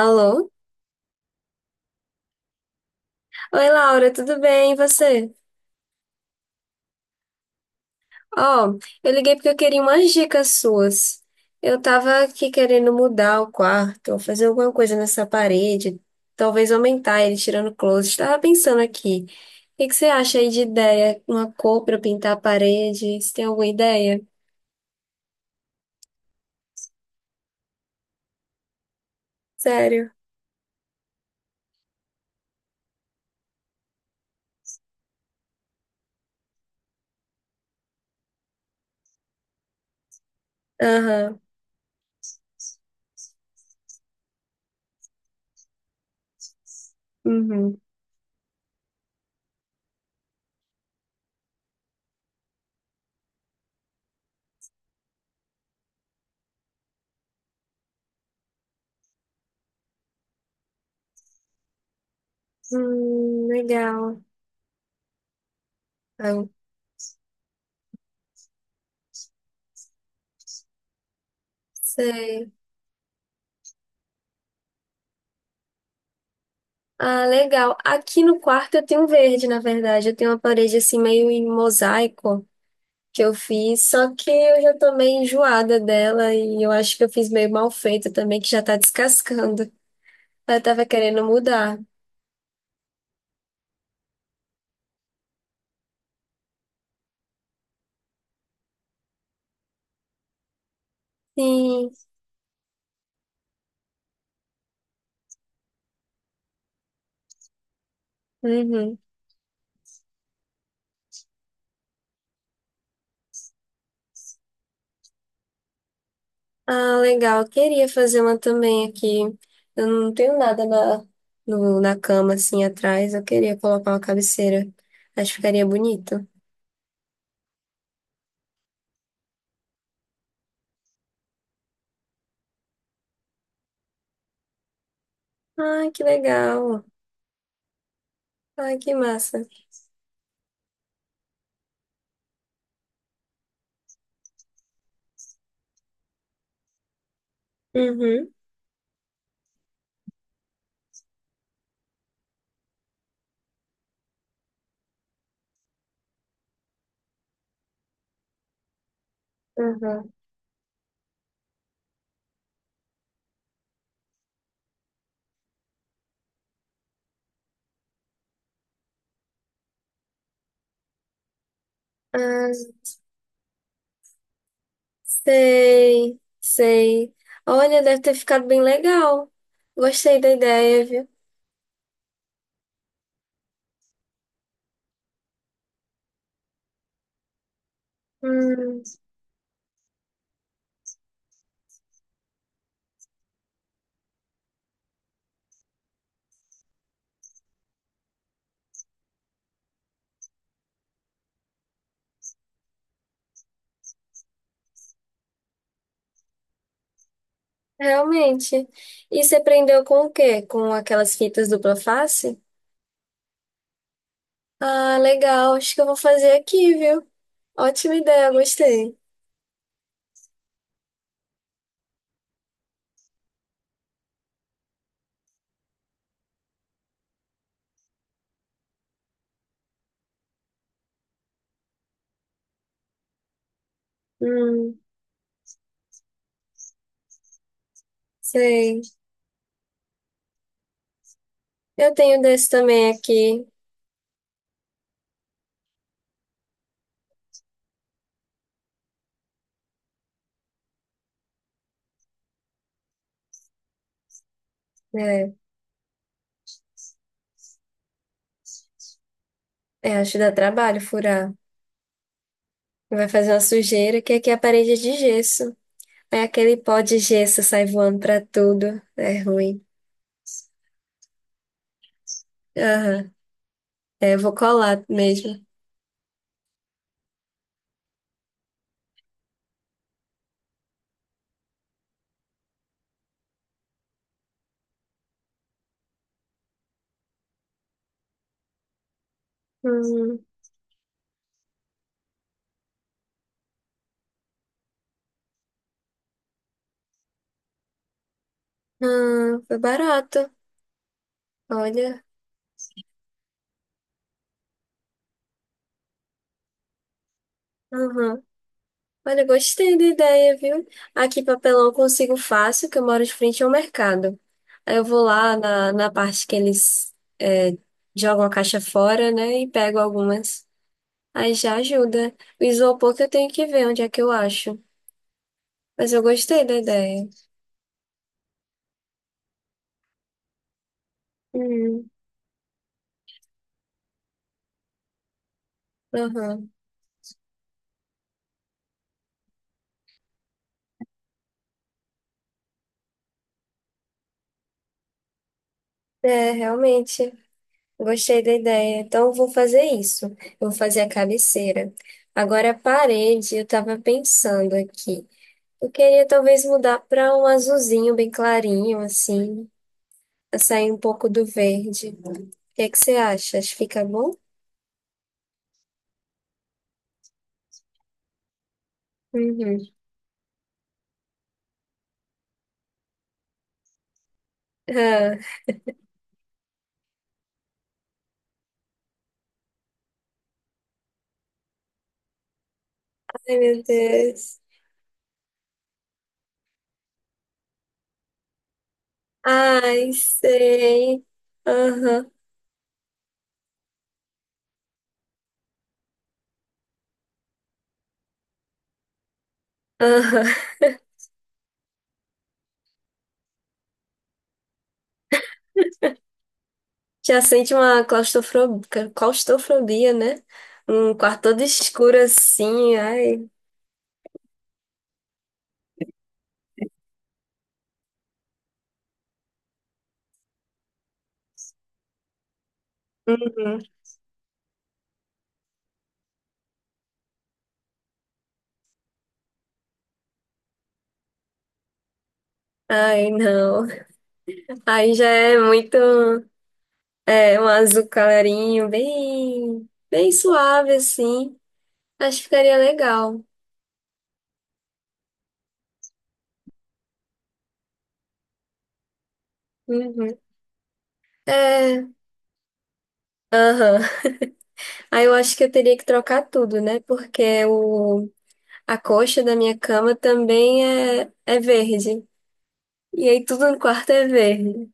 Alô? Oi, Laura, tudo bem? E você? Ó, eu liguei porque eu queria umas dicas suas. Eu tava aqui querendo mudar o quarto, ou fazer alguma coisa nessa parede, talvez aumentar ele tirando closet. Tava pensando aqui. O que que você acha aí de ideia? Uma cor pra eu pintar a parede? Você tem alguma ideia? Sério? Aham. Uhum. Legal. Ah, sei. Ah, legal. Aqui no quarto eu tenho verde, na verdade. Eu tenho uma parede assim meio em mosaico que eu fiz, só que eu já tô meio enjoada dela e eu acho que eu fiz meio mal feito também, que já tá descascando. Ela tava querendo mudar. Sim. Uhum. Ah, legal. Eu queria fazer uma também aqui. Eu não tenho nada na, no, na cama assim atrás. Eu queria colocar uma cabeceira. Acho que ficaria bonito. Ai, que legal. Ai, que massa. Uhum. Uhum. Ah, sei, sei. Olha, deve ter ficado bem legal. Gostei da ideia, viu? Hum, realmente. E você prendeu com o quê? Com aquelas fitas dupla face? Ah, legal. Acho que eu vou fazer aqui, viu? Ótima ideia, gostei. Hum, sei. Eu tenho desse também aqui. É, acho que dá trabalho furar. Vai fazer uma sujeira, que aqui a parede é de gesso. É aquele pó de gesso sai voando pra tudo. É ruim. Aham. É, eu vou colar mesmo. Hum, ah, foi barato. Olha. Aham. Olha, gostei da ideia, viu? Aqui papelão eu consigo fácil, que eu moro de frente ao mercado. Aí eu vou lá na parte que eles é, jogam a caixa fora, né? E pego algumas. Aí já ajuda. O isopor que eu tenho que ver onde é que eu acho. Mas eu gostei da ideia. Hum, aham. É, realmente. Gostei da ideia. Então, eu vou fazer isso. Eu vou fazer a cabeceira. Agora, a parede, eu estava pensando aqui. Eu queria talvez mudar para um azulzinho bem clarinho, assim, pra sair um pouco do verde. O que é que você acha? Acho que fica bom? Uhum. Ah, ai, meu Deus. Ai, sei. Aham, aham. Já sente uma claustrofobia, claustrofobia, né? Um quarto todo escuro assim, ai. Uhum. Ai, não. Aí já é muito, é, um azul clarinho, bem, bem suave, assim. Acho que ficaria legal. Uhum. É, aham. Aí eu acho que eu teria que trocar tudo, né? Porque o, a coxa da minha cama também é verde. E aí tudo no quarto é verde.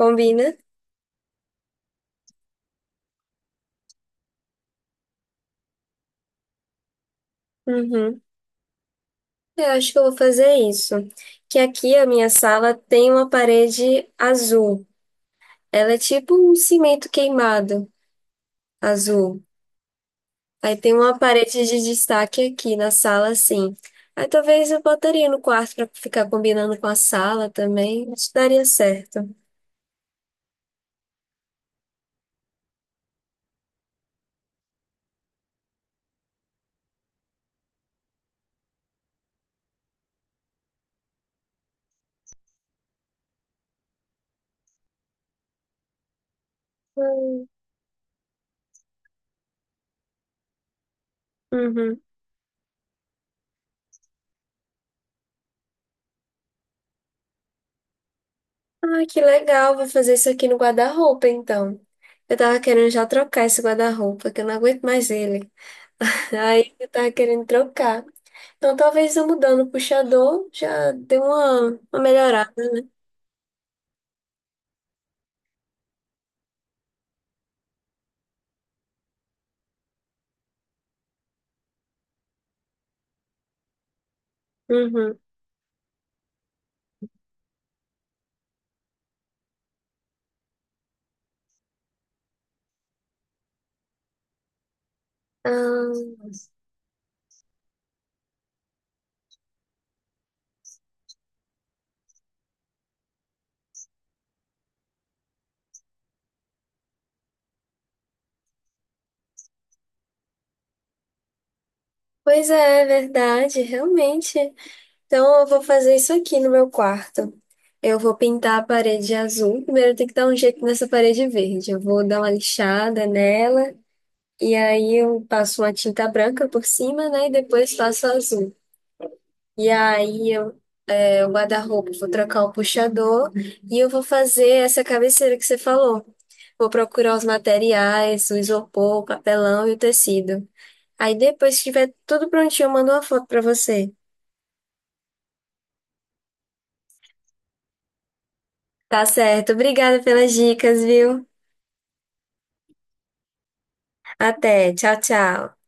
Combina? Uhum. Eu acho que eu vou fazer isso. Que aqui a minha sala tem uma parede azul. Ela é tipo um cimento queimado azul. Aí tem uma parede de destaque aqui na sala, assim. Aí talvez eu botaria no quarto pra ficar combinando com a sala também. Acho que daria certo. Uhum. Ah, que legal. Vou fazer isso aqui no guarda-roupa, então. Eu tava querendo já trocar esse guarda-roupa, que eu não aguento mais ele. Aí eu tava querendo trocar. Então talvez eu mudando o puxador já dê uma melhorada, né? Uhum. Ah, pois é, é verdade, realmente. Então, eu vou fazer isso aqui no meu quarto. Eu vou pintar a parede azul. Primeiro, eu tenho que dar um jeito nessa parede verde. Eu vou dar uma lixada nela, e aí eu passo uma tinta branca por cima, né? E depois faço azul. E aí, o guarda-roupa, vou trocar o puxador e eu vou fazer essa cabeceira que você falou. Vou procurar os materiais, o isopor, o papelão e o tecido. Aí, depois que tiver tudo prontinho, eu mando uma foto pra você. Tá certo. Obrigada pelas dicas, viu? Até, tchau, tchau.